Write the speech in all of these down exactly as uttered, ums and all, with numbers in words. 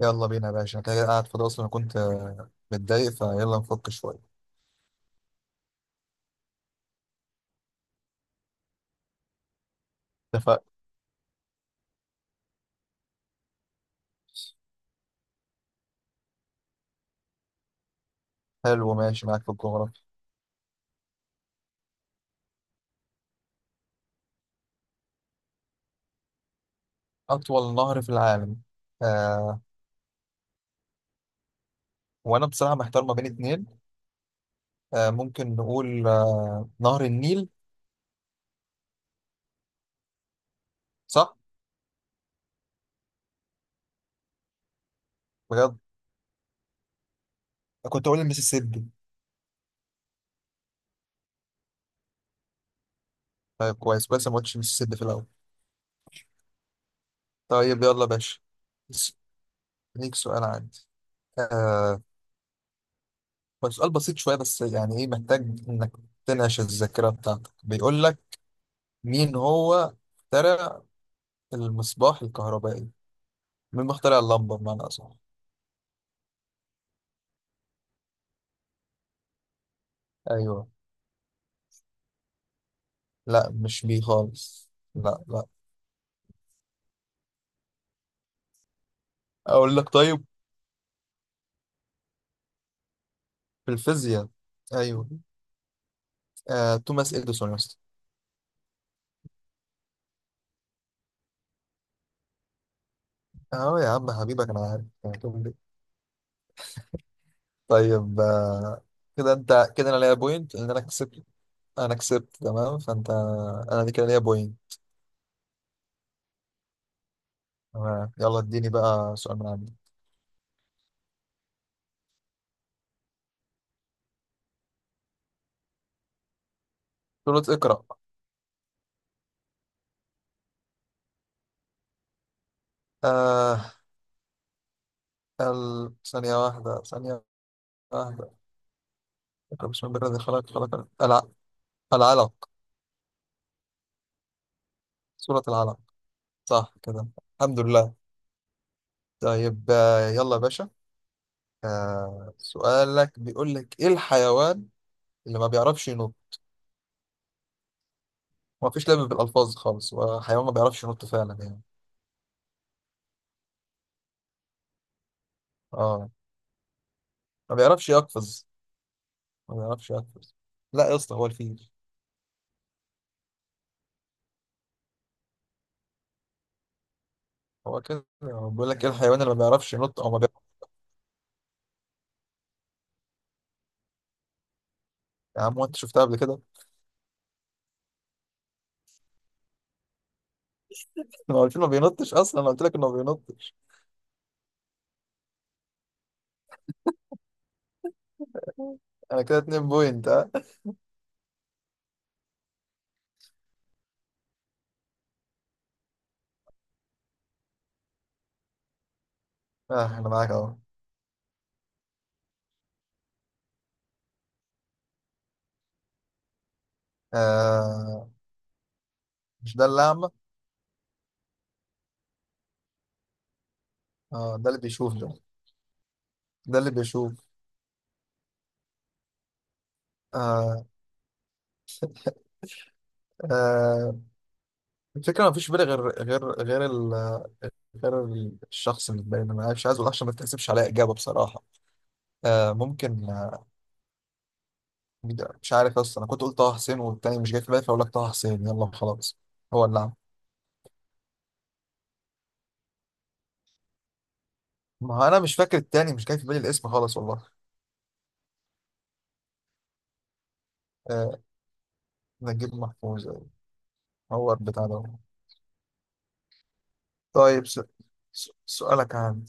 يلا بينا يا باشا، انا كده قاعد فاضي اصلا. أنا كنت آه، متضايق فيلا نفك شويه. اتفقنا. حلو، ماشي معاك في الجغرافيا. اطول نهر في العالم آه وانا بصراحه محتار ما بين اتنين. آه ممكن نقول آه نهر النيل، صح بجد؟ كنت اقول المسيسيبي. طيب كويس كويس، أنا ما قلتش المسيسيبي في الاول. طيب يلا يا باشا. بس- ليك سؤال عندي. آه هو سؤال بسيط شويه بس يعني ايه، محتاج انك تنعش الذاكره بتاعتك. بيقول لك مين هو اخترع المصباح الكهربائي؟ مين مخترع اللمبة بمعنى أصح؟ أيوه. لا مش بيه خالص، لا لا. أقول لك طيب. في الفيزياء. أيوه. آه، توماس إديسون يا اسطى. أه يا عم، حبيبك أنا عارف يعني تقول لي. طيب آه، كده أنت كده، أنا ليا بوينت لأن أنا كسبت. أنا كسبت تمام فأنت. أنا دي كده ليا بوينت. تمام، يلا اديني بقى سؤال من عندي. سورة اقرأ. آه ال... ثانية واحدة، ثانية واحدة. اقرأ بسم الله الذي خلق، خلق الع- العلق. سورة العلق. صح كده. الحمد لله. طيب آه، يلا يا باشا. آه، سؤالك بيقول لك ايه الحيوان اللي ما بيعرفش ينط؟ ما فيش لعب بالالفاظ خالص، هو حيوان ما بيعرفش ينط فعلا يعني. اه، ما بيعرفش يقفز، ما بيعرفش يقفز. لا يا اسطى، هو الفيل. هو كده، هو بيقول لك ايه الحيوان اللي ما بيعرفش ينط او ما بيعرفش. يا عم، هو انت شفتها قبل كده؟ ما هو الفيل ما بينطش اصلا، انا قلت لك انه ما بينطش. انا كده اتنين بوينت اه. آه، انا معاك اهو. آه، مش ده اللي اعمى؟ اه، ده اللي بيشوف ده ده اللي بيشوف. آه آه. الفكره ما فيش في بالي غير غير غير ال... غير ال- الشخص اللي باين. انا مش عايز اقول عشان ما تحسبش عليا اجابه بصراحه. آه ممكن آه مش عارف اصلا. انا كنت قلت طه حسين، والتاني مش جاي في بالي، فاقول لك طه حسين يلا وخلاص. هو اللي عمل. ما هو انا مش فاكر التاني، مش جاي في بالي الاسم خالص والله. آه نجيب محفوظ، أيوة. هو البتاع ده. طيب س... س... سؤالك عن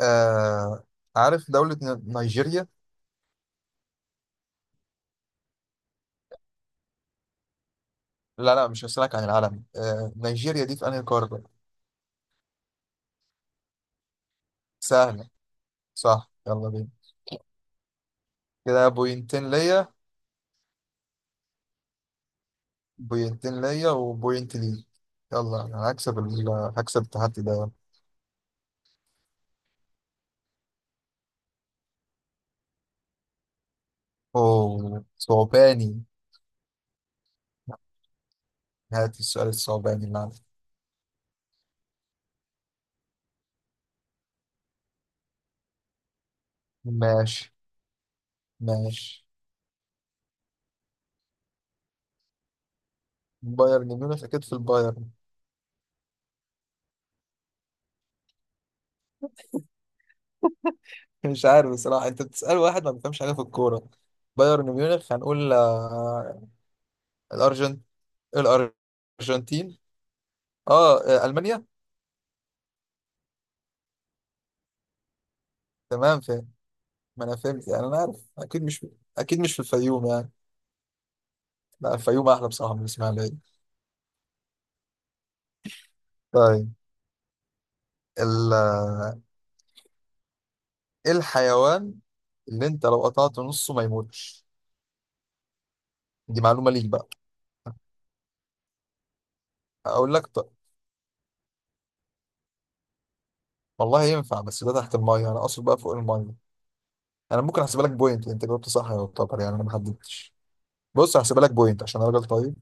آه عارف دوله ن- نيجيريا. لا لا، مش هسألك عن العالم. آه نيجيريا دي في انهي قاره؟ سهله. صح يلا بينا، كده بوينتين ليا. بوينتين ليا وبوينت ليك. يلا انا هكسب ال... هكسب التحدي ده. اوه صعباني، هات السؤال الصعباني اللي عندك. ماشي ماشي. بايرن ميونخ، اكيد في البايرن. مش عارف بصراحة، انت بتسأل واحد ما بيفهمش حاجة في الكورة. بايرن ميونخ هنقول آه، الارجنت الارجنتين. اه آه، المانيا. تمام فاهم. ما انا فهمت يعني، انا عارف اكيد مش. اكيد مش في الفيوم يعني. لا الفيوم احلى بصراحة من الاسماعيلية. طيب ال- ايه الحيوان اللي انت لو قطعت نصه ما يموتش؟ دي معلومة ليك بقى. اقول لك طب. والله ينفع بس ده تحت المية، انا اقصد بقى فوق المية. انا ممكن احسبها لك بوينت، انت جاوبت صح يعتبر يعني، انا ما حددتش. بص هحسبها لك بوينت عشان انا راجل طيب.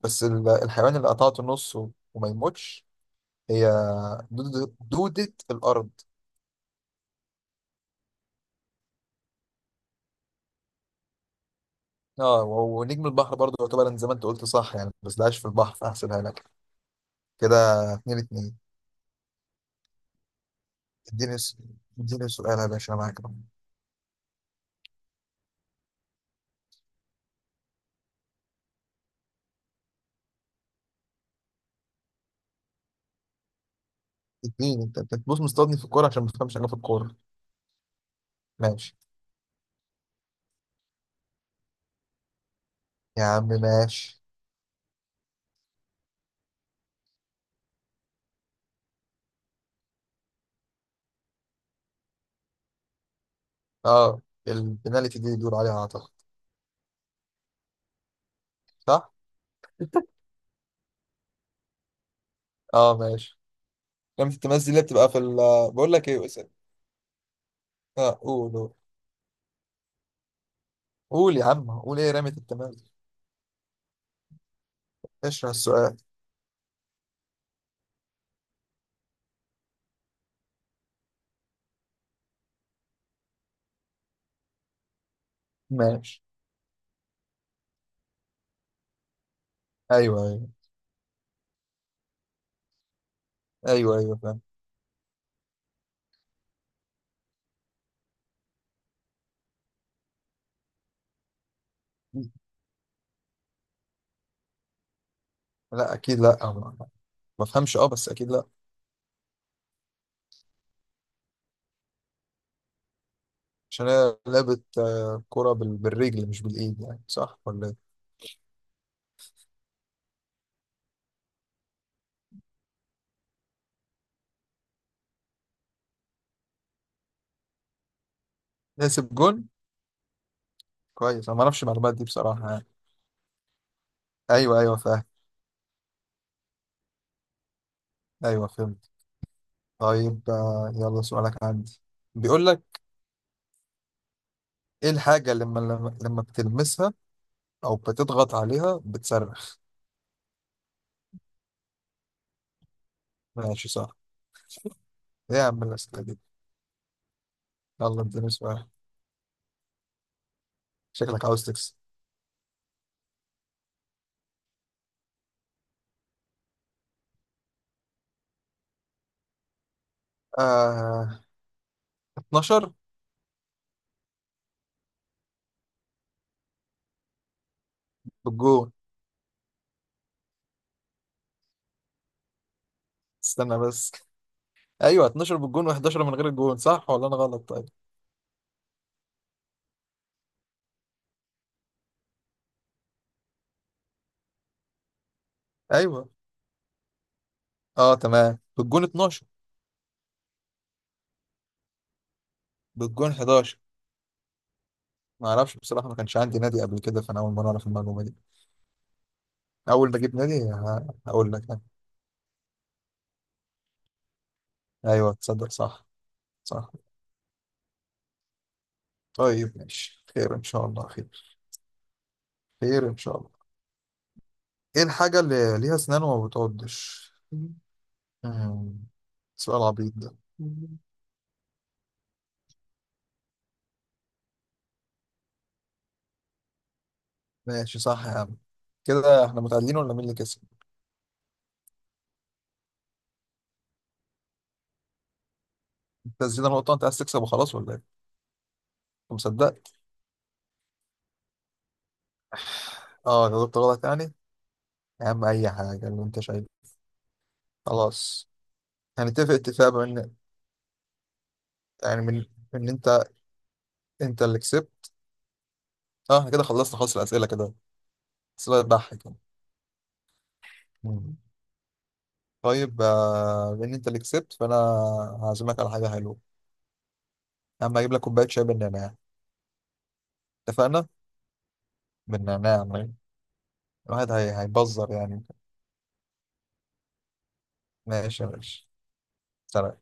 بس ال- الحيوان اللي قطعته نصه وما يموتش هي دودة, دودة الارض. اه و- ونجم البحر برضه يعتبر، أنا زي ما انت قلت صح يعني، بس ده عايش في البحر فاحسبها لك كده. اتنين اتنين. اديني س- اديني سؤال يا باشا انا معاك. اديني انت، انت بتبص مصطادني في الكوره عشان ما تفهمش حاجه في الكوره. ماشي يا عم ماشي. اه، البنالتي دي اللي بيقولوا عليها اعتقد. صح اه ماشي. رمية التماس دي اللي بتبقى في ال. بقول لك ايه اسال. اه قول قول. قول يا عم قول، ايه رمية التماس؟ اشرح السؤال. ماشي. ايوه ايوه. ايوه ايوه فاهم. لا اكيد لا، أو ما، ما بفهمش اه بس اكيد لا. عشان هي لعبة آه، كرة بال- بالرجل مش بالايد يعني، صح ولا ايه؟ نسب جون. كويس، انا ما اعرفش المعلومات دي بصراحة يعني. ايوه ايوه فاهم، ايوه فهمت. طيب آه، يلا سؤالك عندي. بيقول لك ايه الحاجة اللي لما لما لما بتلمسها او بتضغط عليها بتصرخ؟ ماشي صح. ايه يا عم الاسئلة دي. يلا اديني سؤال، شكلك عاوز تكسب. آه اتناشر بالجون. استنى بس، ايوه اتناشر بالجون و11 من غير الجون، صح ولا انا غلط؟ طيب ايوه. اه تمام بالجون اتناشر. بالجون حداشر. ما اعرفش بصراحة، ما كانش عندي نادي قبل كده فانا اول مرة اعرف المعلومة دي. اول ما اجيب نادي ه- هقول لك يعني. ايوه تصدق صح. صح. طيب ماشي، خير ان شاء الله خير. خير ان شاء الله. ايه الحاجة اللي ليها اسنان وما بتعضش؟ مم، سؤال عبيط ده. ماشي صح يا عم. كده احنا متعادلين ولا مين اللي كسب؟ انت زيادة نقطة؟ انت عايز تكسب وخلاص ولا ايه انت؟ مصدقت. اه جاوبت غلط يعني. يا عم اي حاجة اللي انت شايفه. خلاص. هنتفق اتفاق بان. يعني من ان انت، انت اللي كسبت. اه احنا كده خلصنا، خلاص الاسئلة كده، اسئلة تضحك يعني. طيب آه، لان انت اللي كسبت فانا هعزمك على حاجه حلوه. يا عم هجيب لك كوبايه شاي بالنعناع. اتفقنا. بالنعناع. الواحد هي- هيبزر يعني. ماشي يا باشا. سلام.